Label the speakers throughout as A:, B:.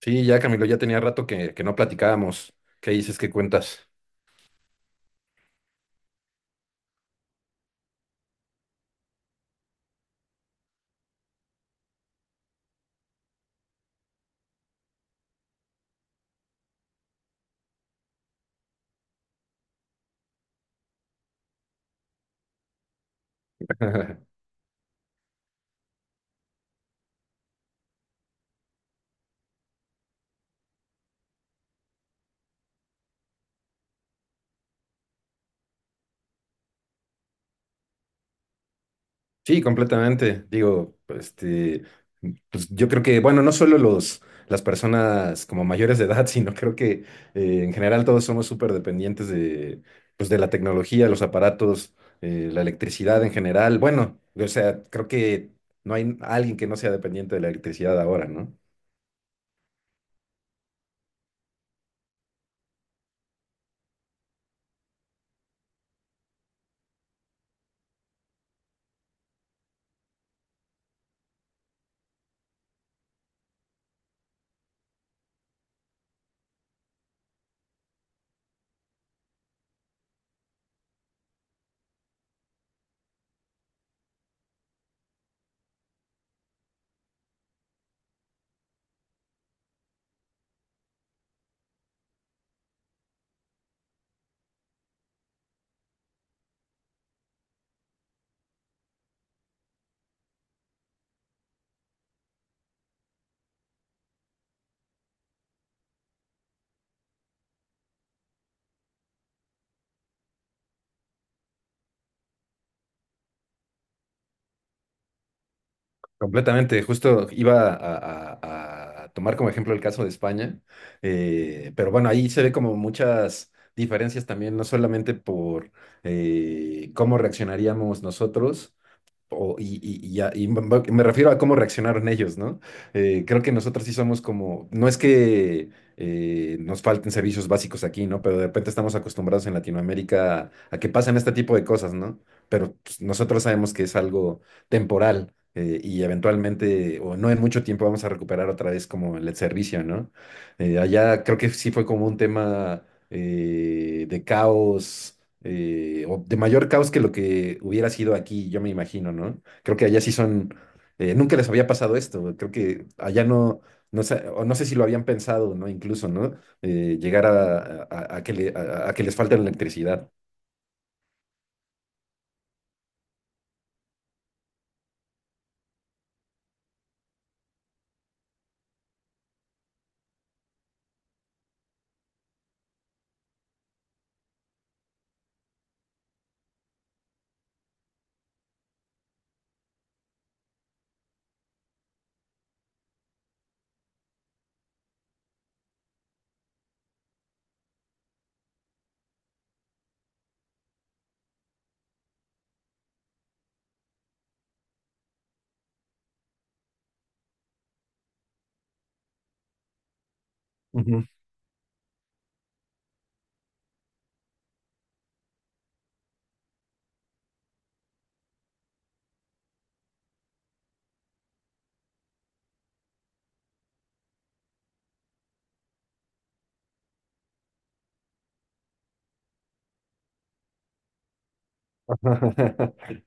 A: Sí, ya Camilo, ya tenía rato que no platicábamos. ¿Qué dices? ¿Qué cuentas? Sí, completamente. Digo, pues yo creo que, bueno, no solo las personas como mayores de edad, sino creo que en general todos somos súper dependientes de, pues, de la tecnología, los aparatos, la electricidad en general. Bueno, o sea, creo que no hay alguien que no sea dependiente de la electricidad ahora, ¿no? Completamente, justo iba a tomar como ejemplo el caso de España, pero bueno, ahí se ve como muchas diferencias también, no solamente por cómo reaccionaríamos nosotros, y ya, y refiero a cómo reaccionaron ellos, ¿no? Creo que nosotros sí somos como, no es que nos falten servicios básicos aquí, ¿no? Pero de repente estamos acostumbrados en Latinoamérica a, que pasen este tipo de cosas, ¿no? Pero pues, nosotros sabemos que es algo temporal y eventualmente, o no en mucho tiempo, vamos a recuperar otra vez como el servicio, ¿no? Allá creo que sí fue como un tema de caos, o de mayor caos que lo que hubiera sido aquí, yo me imagino, ¿no? Creo que allá sí son, nunca les había pasado esto, creo que allá no, no sé, o no sé si lo habían pensado, ¿no? Incluso, ¿no? Llegar a, a que les falte la electricidad. Ujú.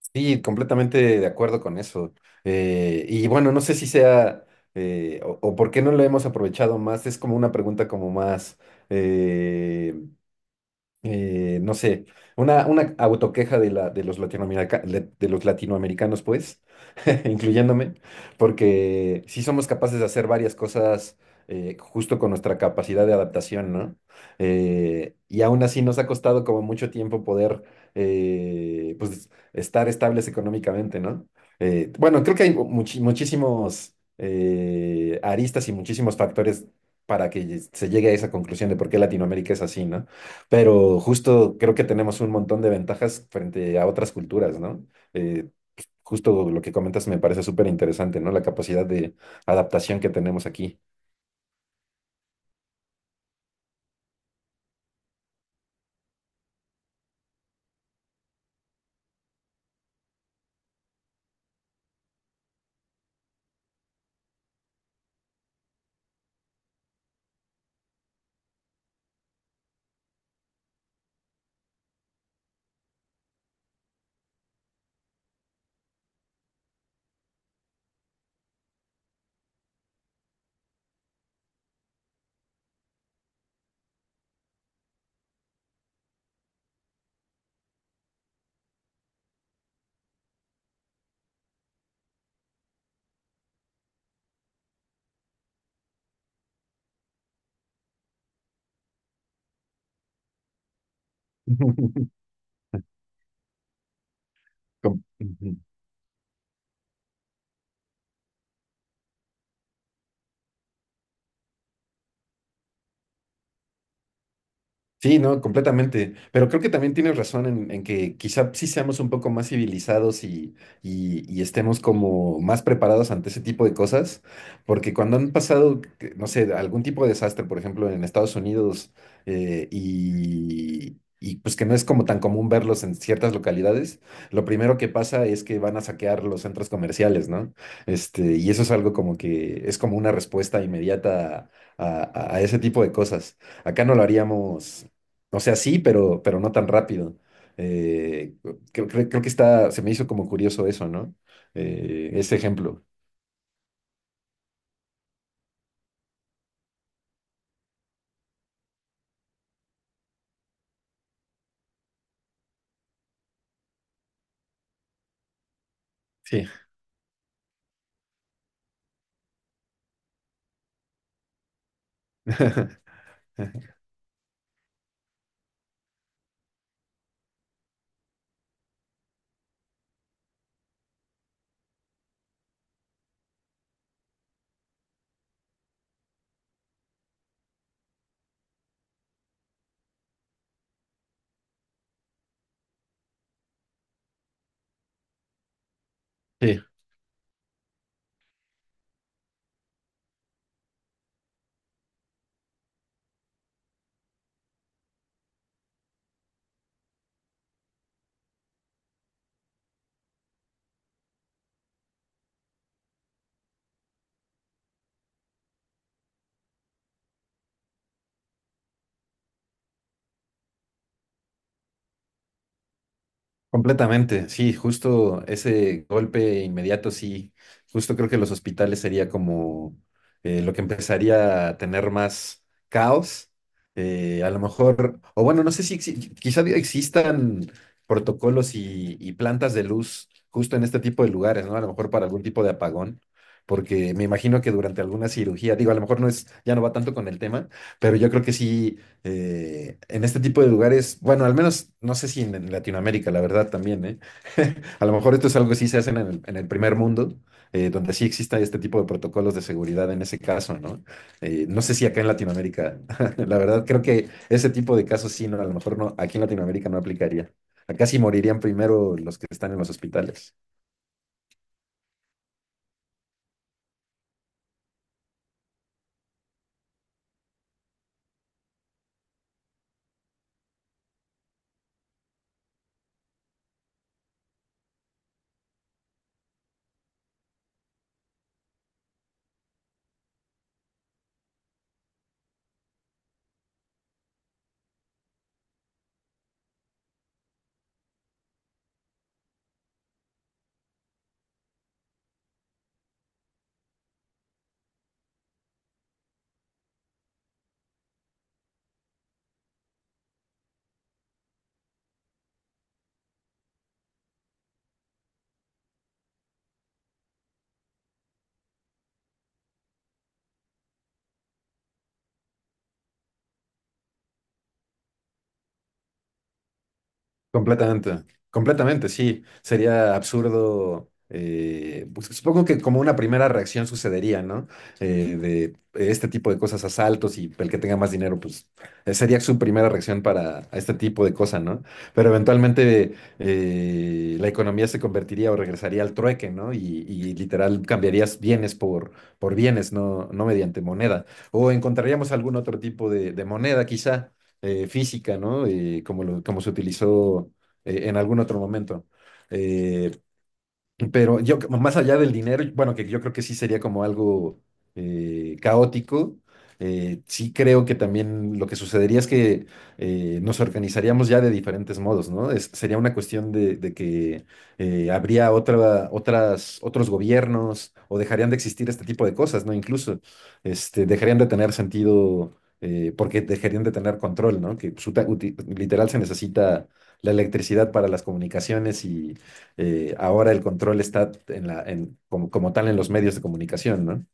A: Sí, completamente de acuerdo con eso. Y bueno, no sé si sea o por qué no lo hemos aprovechado más. Es como una pregunta como más eh, no sé, una autoqueja de, los latinoamerica- de los latinoamericanos, pues, incluyéndome, porque sí somos capaces de hacer varias cosas justo con nuestra capacidad de adaptación, ¿no? Y aún así nos ha costado como mucho tiempo poder, pues, estar estables económicamente, ¿no? Bueno, creo que hay muchísimos aristas y muchísimos factores para que se llegue a esa conclusión de por qué Latinoamérica es así, ¿no? Pero justo creo que tenemos un montón de ventajas frente a otras culturas, ¿no? Eh, Justo lo que comentas me parece súper interesante, ¿no? La capacidad de adaptación que tenemos aquí. Com- Sí, no, completamente. Pero creo que también tienes razón en que quizá sí seamos un poco más civilizados y, y estemos como más preparados ante ese tipo de cosas, porque cuando han pasado, no sé, algún tipo de desastre, por ejemplo, en Estados Unidos, y pues que no es como tan común verlos en ciertas localidades, lo primero que pasa es que van a saquear los centros comerciales, ¿no? Este, y eso es algo como que es como una respuesta inmediata a a ese tipo de cosas. Acá no lo haríamos, o sea, sí, pero no tan rápido. Eh, Creo que está, se me hizo como curioso eso, ¿no? Ese ejemplo. Sí. Sí. Completamente, sí, justo ese golpe inmediato, sí, justo creo que los hospitales sería como lo que empezaría a tener más caos, a lo mejor, o bueno, no sé si exi- quizá existan protocolos y plantas de luz justo en este tipo de lugares, ¿no? A lo mejor para algún tipo de apagón, porque me imagino que durante alguna cirugía, digo, a lo mejor no es, ya no va tanto con el tema, pero yo creo que sí en este tipo de lugares, bueno, al menos no sé si en, en Latinoamérica, la verdad también, ¿eh? A lo mejor esto es algo que sí se hacen en el primer mundo, donde sí exista este tipo de protocolos de seguridad en ese caso, ¿no? No sé si acá en Latinoamérica, la verdad creo que ese tipo de casos sí, no, a lo mejor no, aquí en Latinoamérica no aplicaría. Acá sí morirían primero los que están en los hospitales. Completamente, completamente, sí. Sería absurdo. Pues, supongo que como una primera reacción sucedería, ¿no? De este tipo de cosas, asaltos y el que tenga más dinero, pues sería su primera reacción para este tipo de cosas, ¿no? Pero eventualmente la economía se convertiría o regresaría al trueque, ¿no? Y literal cambiarías bienes por bienes, no, no mediante moneda. O encontraríamos algún otro tipo de moneda, quizá física, ¿no? Como, como se utilizó en algún otro momento. Eh, pero yo, más allá del dinero, bueno, que yo creo que sí sería como algo caótico, sí creo que también lo que sucedería es que nos organizaríamos ya de diferentes modos, ¿no? Sería una cuestión de que habría otros gobiernos o dejarían de existir este tipo de cosas, ¿no? Incluso este, dejarían de tener sentido porque dejarían de tener control, ¿no? Que literal se necesita la electricidad para las comunicaciones ahora el control está en la, en, como, como tal en los medios de comunicación, ¿no?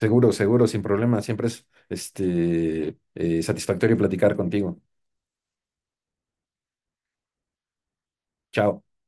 A: Seguro, seguro, sin problema. Siempre es este, satisfactorio platicar contigo. Chao.